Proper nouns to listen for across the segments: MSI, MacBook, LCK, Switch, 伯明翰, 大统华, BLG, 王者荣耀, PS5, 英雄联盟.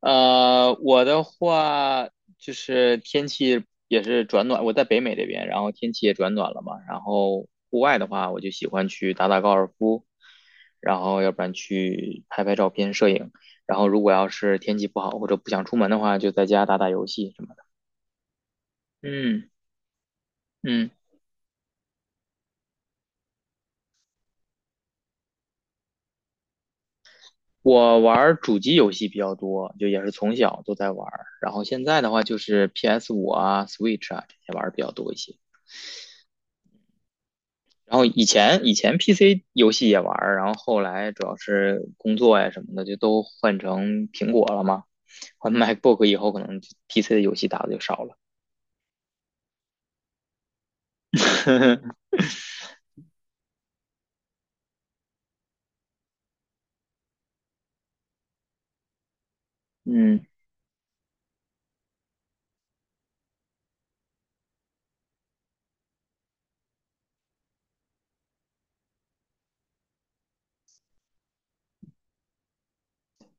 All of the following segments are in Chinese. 我的话就是天气也是转暖，我在北美这边，然后天气也转暖了嘛。然后户外的话，我就喜欢去打打高尔夫，然后要不然去拍拍照片、摄影。然后如果要是天气不好或者不想出门的话，就在家打打游戏什么的。嗯嗯，我玩儿主机游戏比较多，就也是从小都在玩儿。然后现在的话就是 PS5啊、Switch 啊这些玩儿比较多一些。然后以前 PC 游戏也玩。然后后来主要是工作呀什么的，就都换成苹果了嘛。换 MacBook 以后，可能 PC 的游戏打的就少了。嗯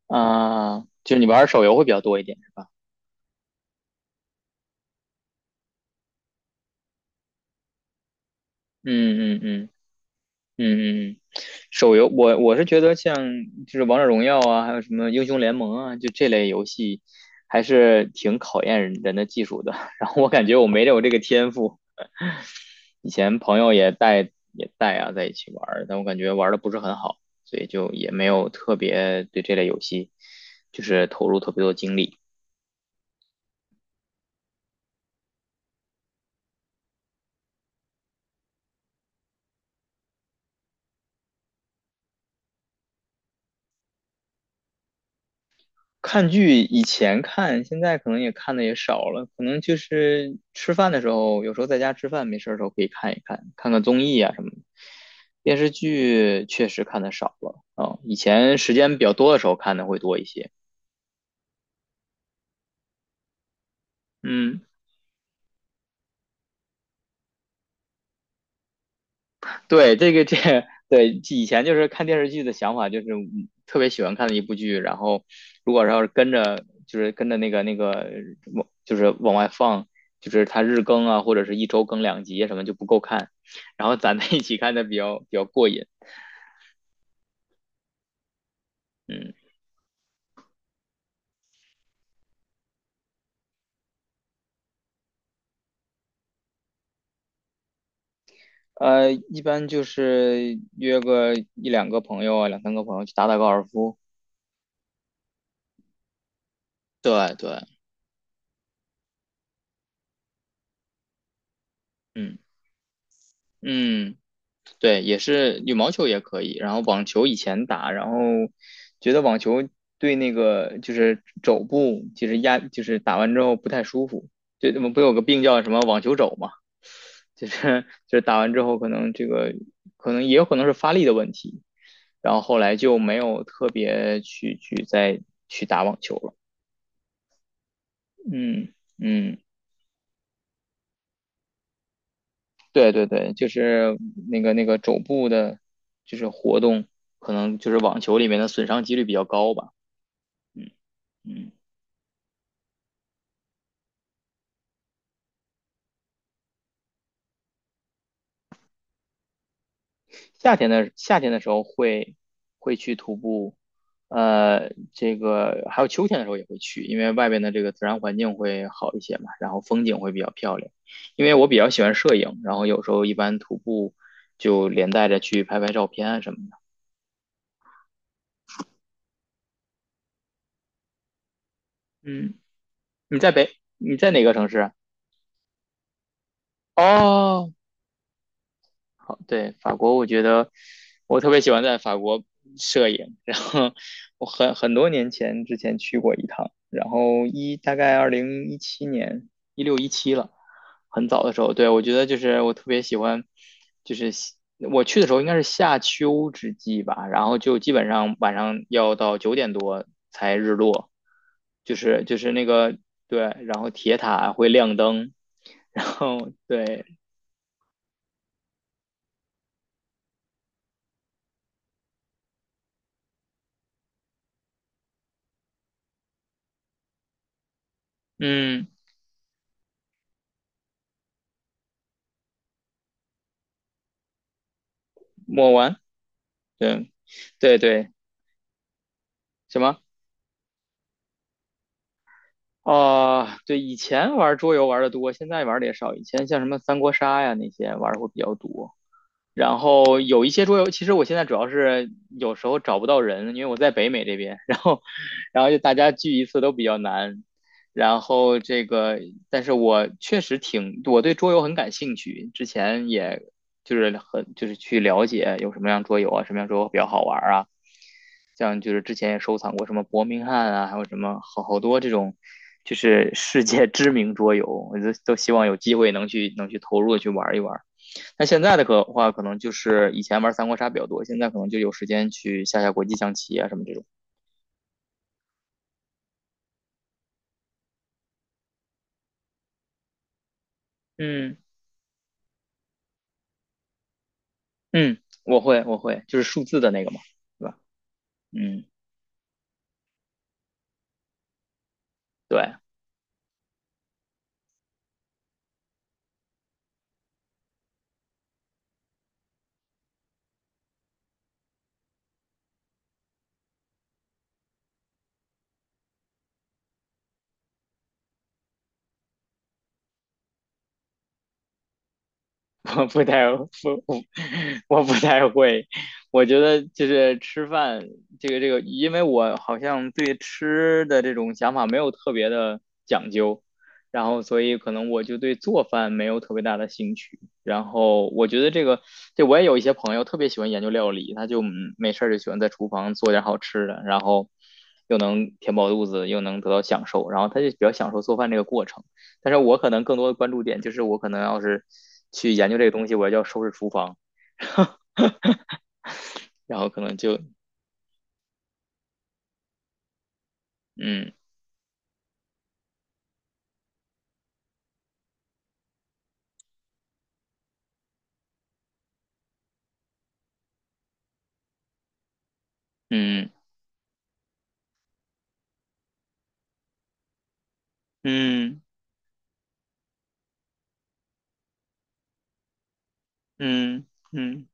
啊，就是你玩手游会比较多一点，是吧？嗯嗯嗯嗯嗯，手游我是觉得像就是王者荣耀啊，还有什么英雄联盟啊，就这类游戏还是挺考验人的技术的。然后我感觉我没有这个天赋，以前朋友也带啊，在一起玩。但我感觉玩的不是很好，所以就也没有特别对这类游戏就是投入特别多精力。看剧以前看，现在可能也看的也少了，可能就是吃饭的时候，有时候在家吃饭没事儿的时候可以看一看，看看综艺啊什么的。电视剧确实看的少了啊，以前时间比较多的时候看的会多一些。嗯，对，这个 对以前就是看电视剧的想法，就是特别喜欢看的一部剧，然后如果要是跟着就是跟着那个往就是往外放，就是它日更啊，或者是一周更2集啊什么就不够看，然后攒在一起看的比较过瘾，嗯。一般就是约个一两个朋友啊，两三个朋友去打打高尔夫。对对，嗯嗯。对，也是羽毛球也可以，然后网球以前打，然后觉得网球对那个就是肘部，其实就是打完之后不太舒服，就我们不有个病叫什么网球肘嘛，就是 就是打完之后可能这个可能也有可能是发力的问题，然后后来就没有特别去再去打网球了，嗯嗯，对对对，就是那个肘部的，就是活动可能就是网球里面的损伤几率比较高吧。嗯。嗯，夏天的时候会去徒步，这个还有秋天的时候也会去，因为外边的这个自然环境会好一些嘛，然后风景会比较漂亮。因为我比较喜欢摄影，然后有时候一般徒步就连带着去拍拍照片啊什么的。嗯，你在哪个城市啊？哦，好，对，法国，我觉得我特别喜欢在法国摄影，然后我很多年前之前去过一趟，然后大概2017年，一六一七了，很早的时候，对，我觉得就是我特别喜欢，就是我去的时候应该是夏秋之际吧，然后就基本上晚上要到9点多才日落，就是那个对，然后铁塔会亮灯，然后对，嗯，抹完。对，对对，什么？啊、对，以前玩桌游玩的多，现在玩的也少。以前像什么三国杀呀那些玩的会比较多，然后有一些桌游，其实我现在主要是有时候找不到人，因为我在北美这边，然后就大家聚一次都比较难。然后这个，但是我确实挺，我对桌游很感兴趣，之前也就是很就是去了解有什么样桌游啊，什么样桌游比较好玩啊，像就是之前也收藏过什么伯明翰啊，还有什么好多这种，就是世界 知名桌游，我都希望有机会能去投入的去玩一玩。那现在的可话，可能就是以前玩三国杀比较多，现在可能就有时间去下下国际象棋啊什么这种。嗯嗯，我会我会，就是数字的那个嘛，对吧？嗯，对。我不太不我我不太会，我觉得就是吃饭这个，因为我好像对吃的这种想法没有特别的讲究，然后所以可能我就对做饭没有特别大的兴趣。然后我觉得这个，这我也有一些朋友特别喜欢研究料理，他就没事儿就喜欢在厨房做点好吃的，然后又能填饱肚子，又能得到享受，然后他就比较享受做饭这个过程。但是我可能更多的关注点就是我可能要是去研究这个东西，我要收拾厨房，然后可能就嗯嗯嗯嗯嗯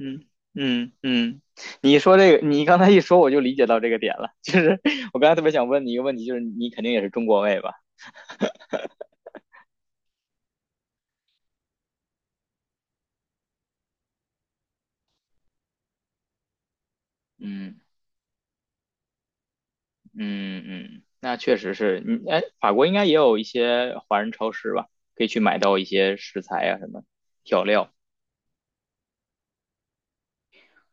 嗯嗯嗯，你说这个，你刚才一说我就理解到这个点了，就是我刚才特别想问你一个问题，就是你肯定也是中国胃吧？嗯嗯嗯，那确实是，嗯，哎，法国应该也有一些华人超市吧，可以去买到一些食材啊什么调料。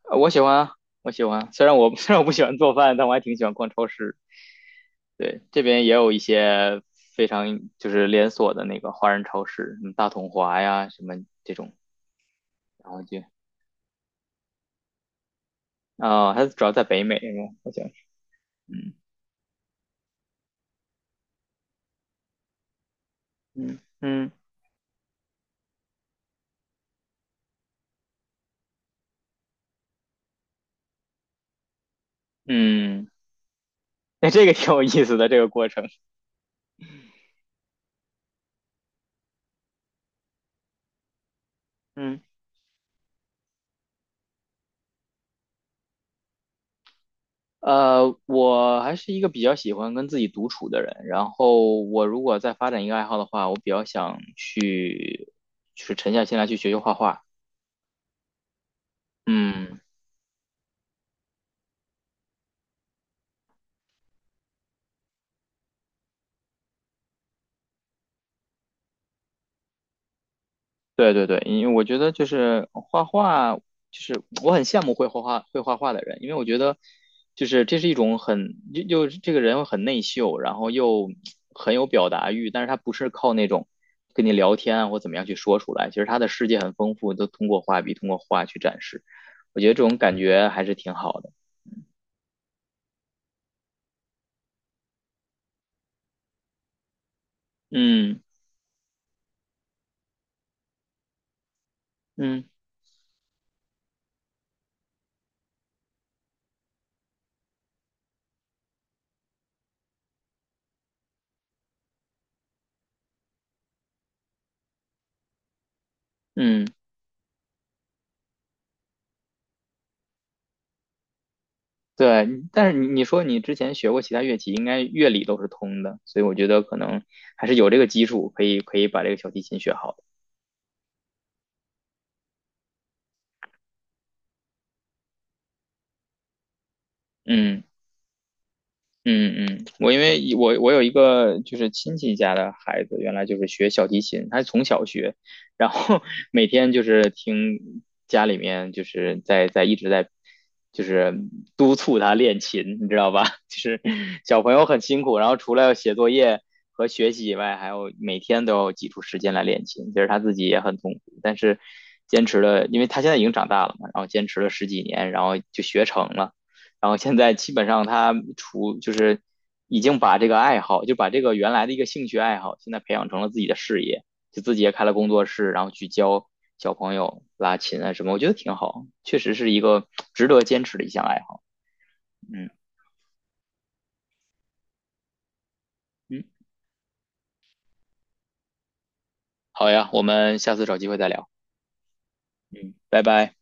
我喜欢啊，我喜欢啊。虽然我 虽然我不喜欢做饭，但我还挺喜欢逛超市。对，这边也有一些非常就是连锁的那个华人超市，什么大统华呀，什么这种。然后就，哦，它主要在北美，好像是。嗯嗯嗯嗯，那这个挺有意思的这个过程。嗯。我还是一个比较喜欢跟自己独处的人。然后，我如果再发展一个爱好的话，我比较想去，就是沉下心来去学学画画。嗯，对对对，因为我觉得就是画画，就是我很羡慕会画画的人，因为我觉得就是这是一种很又这个人很内秀，然后又很有表达欲，但是他不是靠那种跟你聊天啊或怎么样去说出来，其实他的世界很丰富，都通过画笔通过画去展示，我觉得这种感觉还是挺好的。嗯嗯嗯。对，但是你说你之前学过其他乐器，应该乐理都是通的，所以我觉得可能还是有这个基础，可以把这个小提琴学好的。嗯。嗯嗯，因为我有一个就是亲戚家的孩子，原来就是学小提琴，他从小学，然后 每天就是听家里面就是在一直在就是督促他练琴，你知道吧？就是小朋友很辛苦，然后除了写作业和学习以外，还有每天都要挤出时间来练琴，其实他自己也很痛苦，但是坚持了，因为他现在已经长大了嘛，然后坚持了十几年，然后就学成了。然后现在基本上他除就是已经把这个爱好，就把这个原来的一个兴趣爱好，现在培养成了自己的事业，就自己也开了工作室，然后去教小朋友拉琴啊什么，我觉得挺好，确实是一个值得坚持的一项爱好。嗯嗯，好呀，我们下次找机会再聊。嗯，拜拜。